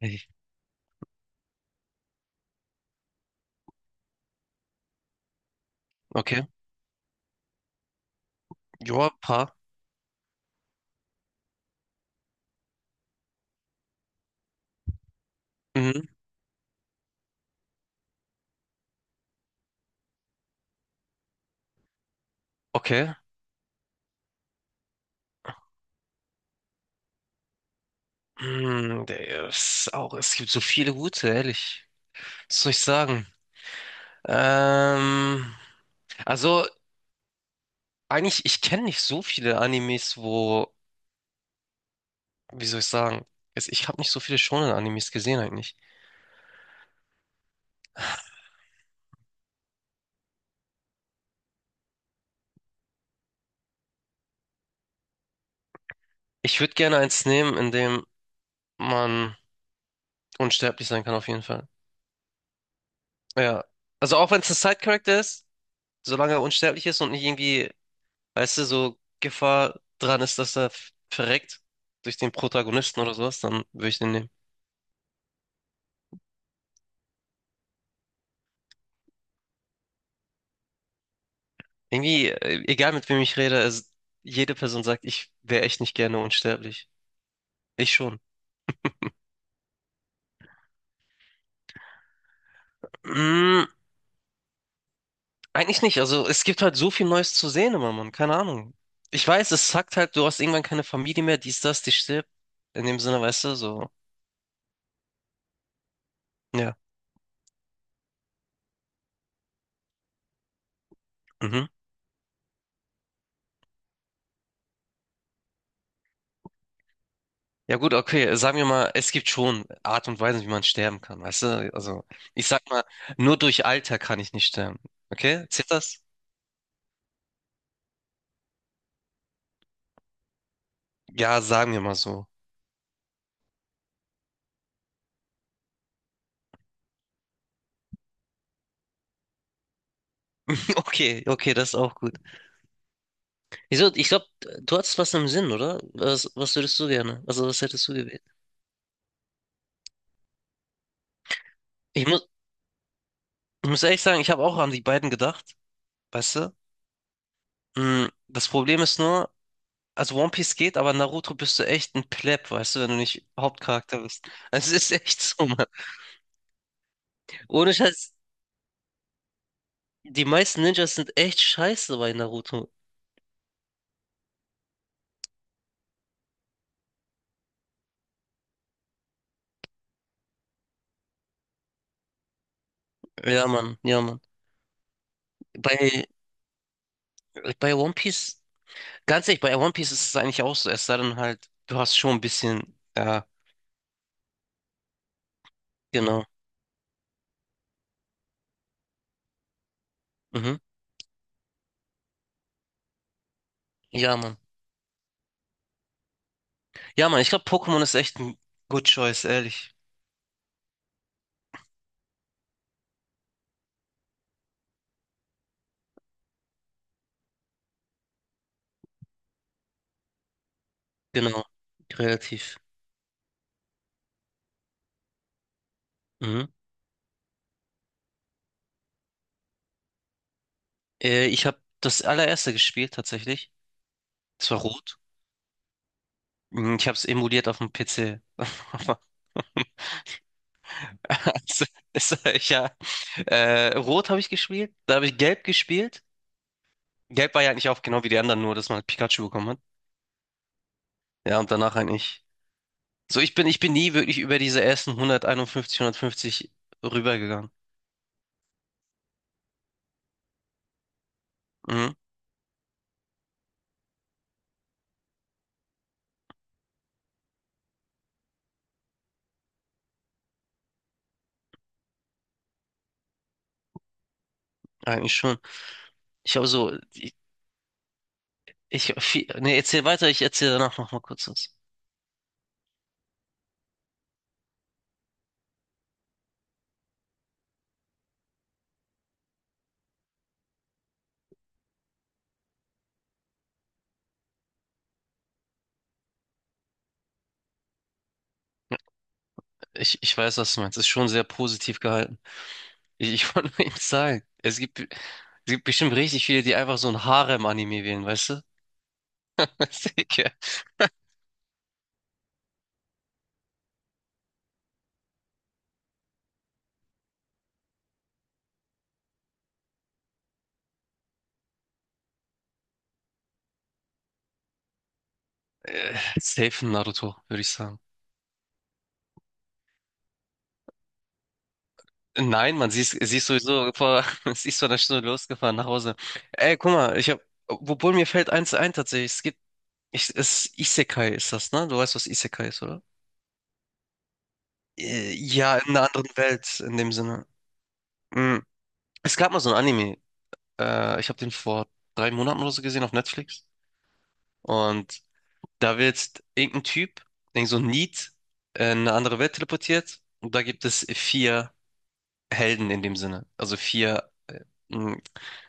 Ich- Okay. Joa, paar. Mhm. Okay. Der ist auch, es gibt so viele gute, ehrlich. Was soll ich sagen? Ähm, also, eigentlich, ich kenne nicht so viele Animes, wo, wie soll ich sagen? Ich habe nicht so viele Shonen-Animes gesehen eigentlich. Ich würde gerne eins nehmen, in dem man unsterblich sein kann, auf jeden Fall. Ja. Also auch wenn es ein Side-Character ist, solange er unsterblich ist und nicht irgendwie, weißt du, so Gefahr dran ist, dass er verreckt durch den Protagonisten oder sowas, dann würde ich den nehmen. Irgendwie, egal mit wem ich rede, jede Person sagt, ich wäre echt nicht gerne unsterblich. Ich schon. Mm, Eigentlich nicht. Also es gibt halt so viel Neues zu sehen immer, Mann. Keine Ahnung. Ich weiß, es sagt halt, du hast irgendwann keine Familie mehr, dies, das, die stirbt. In dem Sinne, weißt du, so. Ja. Mhm. Ja, gut, okay, sagen wir mal, es gibt schon Art und Weisen, wie man sterben kann, weißt du? Also, ich sag mal, nur durch Alter kann ich nicht sterben. Okay? Zählt das? Ja, sagen wir mal so. Okay, okay, das ist auch gut. Wieso? Ich glaube, du hattest was im Sinn, oder? Was würdest du gerne? Also, was hättest du gewählt? Ich muss, ich muss ehrlich sagen, ich habe auch an die beiden gedacht, weißt du? Das Problem ist nur, also One Piece geht, aber Naruto bist du echt ein Pleb, weißt du, wenn du nicht Hauptcharakter bist. Es ist echt so, Mann. Ohne Scheiß. Die meisten Ninjas sind echt scheiße bei Naruto. Ja, Mann, ja, Mann. Bei, bei One Piece, ganz ehrlich, bei One Piece ist es eigentlich auch so, es sei denn halt, du hast schon ein bisschen, ja, genau. Mhm. Ja, Mann. Ja, Mann, ich glaube, Pokémon ist echt ein Good Choice, ehrlich. Genau, relativ. Mhm. Ich habe das allererste gespielt, tatsächlich. Es war rot. Mhm. Ich habe es emuliert auf dem PC. Aber es- ja, rot habe ich gespielt, da habe ich gelb gespielt. Gelb war ja eigentlich auch genau wie die anderen, nur dass man halt Pikachu bekommen hat. Ja, und danach eigentlich. So, ich bin nie wirklich über diese ersten 151, 150 rübergegangen. Mhm, eigentlich schon. Ich habe so, viel, nee, erzähl weiter, ich erzähle danach noch mal kurz was. Ich weiß, was du meinst. Ist schon sehr positiv gehalten. Ich wollte nur eben sagen, es gibt bestimmt richtig viele, die einfach so ein Harem-Anime wählen, weißt du? Weißt du, safe ein Naruto, würde ich sagen. Nein, man, siehst sowieso vor, sie ist vor einer Stunde losgefahren nach Hause. Ey, guck mal, ich hab, obwohl mir fällt eins ein tatsächlich, es gibt, ich, es, Isekai ist das, ne? Du weißt, was Isekai ist, oder? Ja, in einer anderen Welt, in dem Sinne. Mm. Es gab mal so ein Anime, ich habe den vor 3 Monaten oder so gesehen auf Netflix. Und da wird irgendein Typ, irgend so ein Need, in eine andere Welt teleportiert. Und da gibt es vier Helden in dem Sinne. Also vier hm,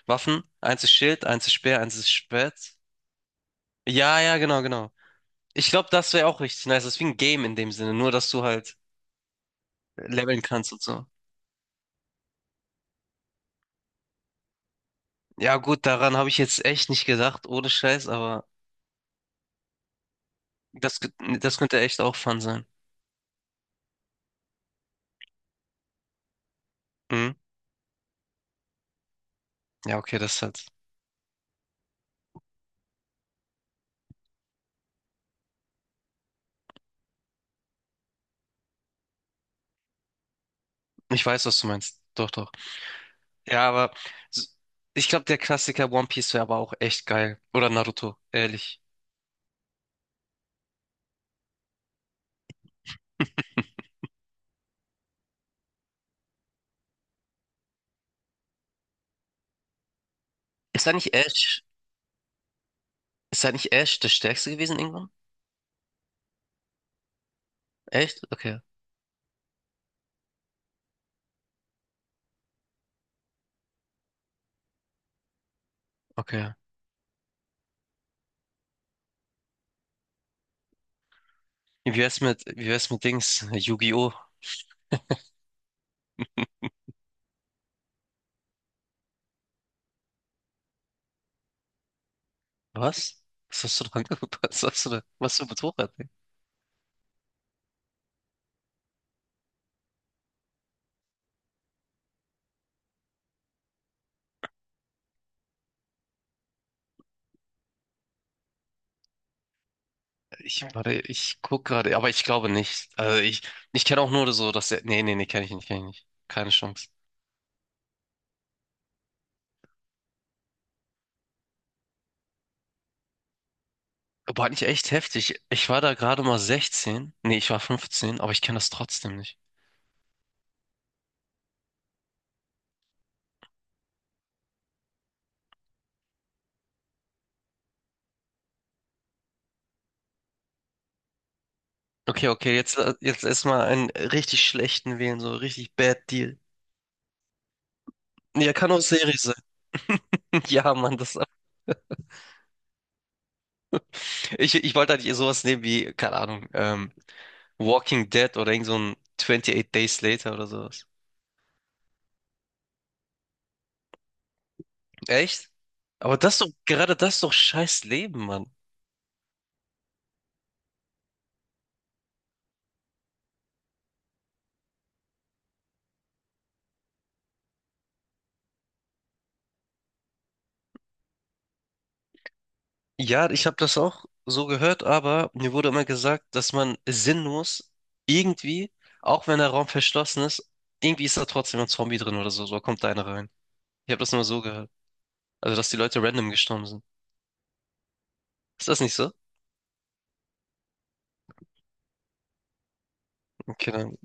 Waffen, eins ist Schild, eins ist Speer, eins ist Schwert. Ja, ja, genau, genau. Ich glaube, das wäre auch richtig nice. Das ist wie ein Game in dem Sinne, nur dass du halt leveln kannst und so. Ja, gut, daran habe ich jetzt echt nicht gedacht, ohne Scheiß, aber das, das könnte echt auch fun sein. Mhm. Ja, okay, das ist halt. Ich weiß, was du meinst. Doch, doch. Ja, aber s- ich glaube, der Klassiker One Piece wäre aber auch echt geil. Oder Naruto, ehrlich. Ist da nicht Ash? Ist da nicht Ash der Stärkste gewesen irgendwann? Echt? Okay, okay. Wie wär's mit Dings? Yu-Gi-Oh! Was? Was hast du da angeguckt? Was hast du da? Was für ein Motorrad, ey? Ich, warte, ich guck gerade, aber ich glaube nicht. Also ich kenne auch nur so, dass der, nee, nee, nee, kenne ich nicht, kenne ich nicht. Keine Chance. Aber hat nicht echt heftig. Ich war da gerade mal 16. Nee, ich war 15, aber ich kenne das trotzdem nicht. Okay, okay, jetzt erstmal einen richtig schlechten wählen, so richtig Bad Deal. Ja, kann auch Serie sein. Ja, Mann, das, ich wollte eigentlich sowas nehmen wie, keine Ahnung, Walking Dead oder irgend so ein 28 Days Later oder sowas. Echt? Aber das ist doch, gerade das ist doch scheiß Leben, Mann. Ja, ich habe das auch so gehört, aber mir wurde immer gesagt, dass man sinnlos irgendwie, auch wenn der Raum verschlossen ist, irgendwie ist da trotzdem ein Zombie drin oder so, so kommt da einer rein. Ich habe das nur so gehört. Also, dass die Leute random gestorben sind. Ist das nicht so? Okay, dann.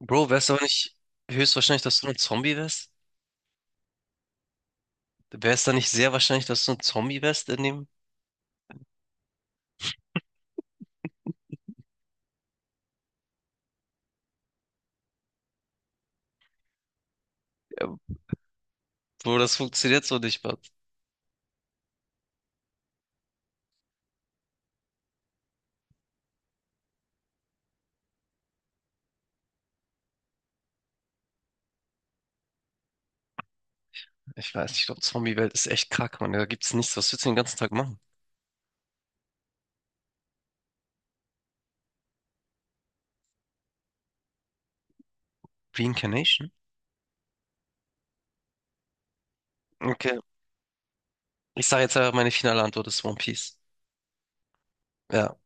Bro, wär's aber nicht höchstwahrscheinlich, dass du ein Zombie wärst? Wär's da nicht sehr wahrscheinlich, dass du ein Zombie wärst in dem, äh, wo das funktioniert so nicht. Ich weiß nicht, ich glaube, Zombie-Welt ist echt krank, Mann. Da gibt's nichts. Was willst du den ganzen Tag machen? Reincarnation? Okay. Ich sage jetzt einfach, meine finale Antwort ist One Piece. Ja.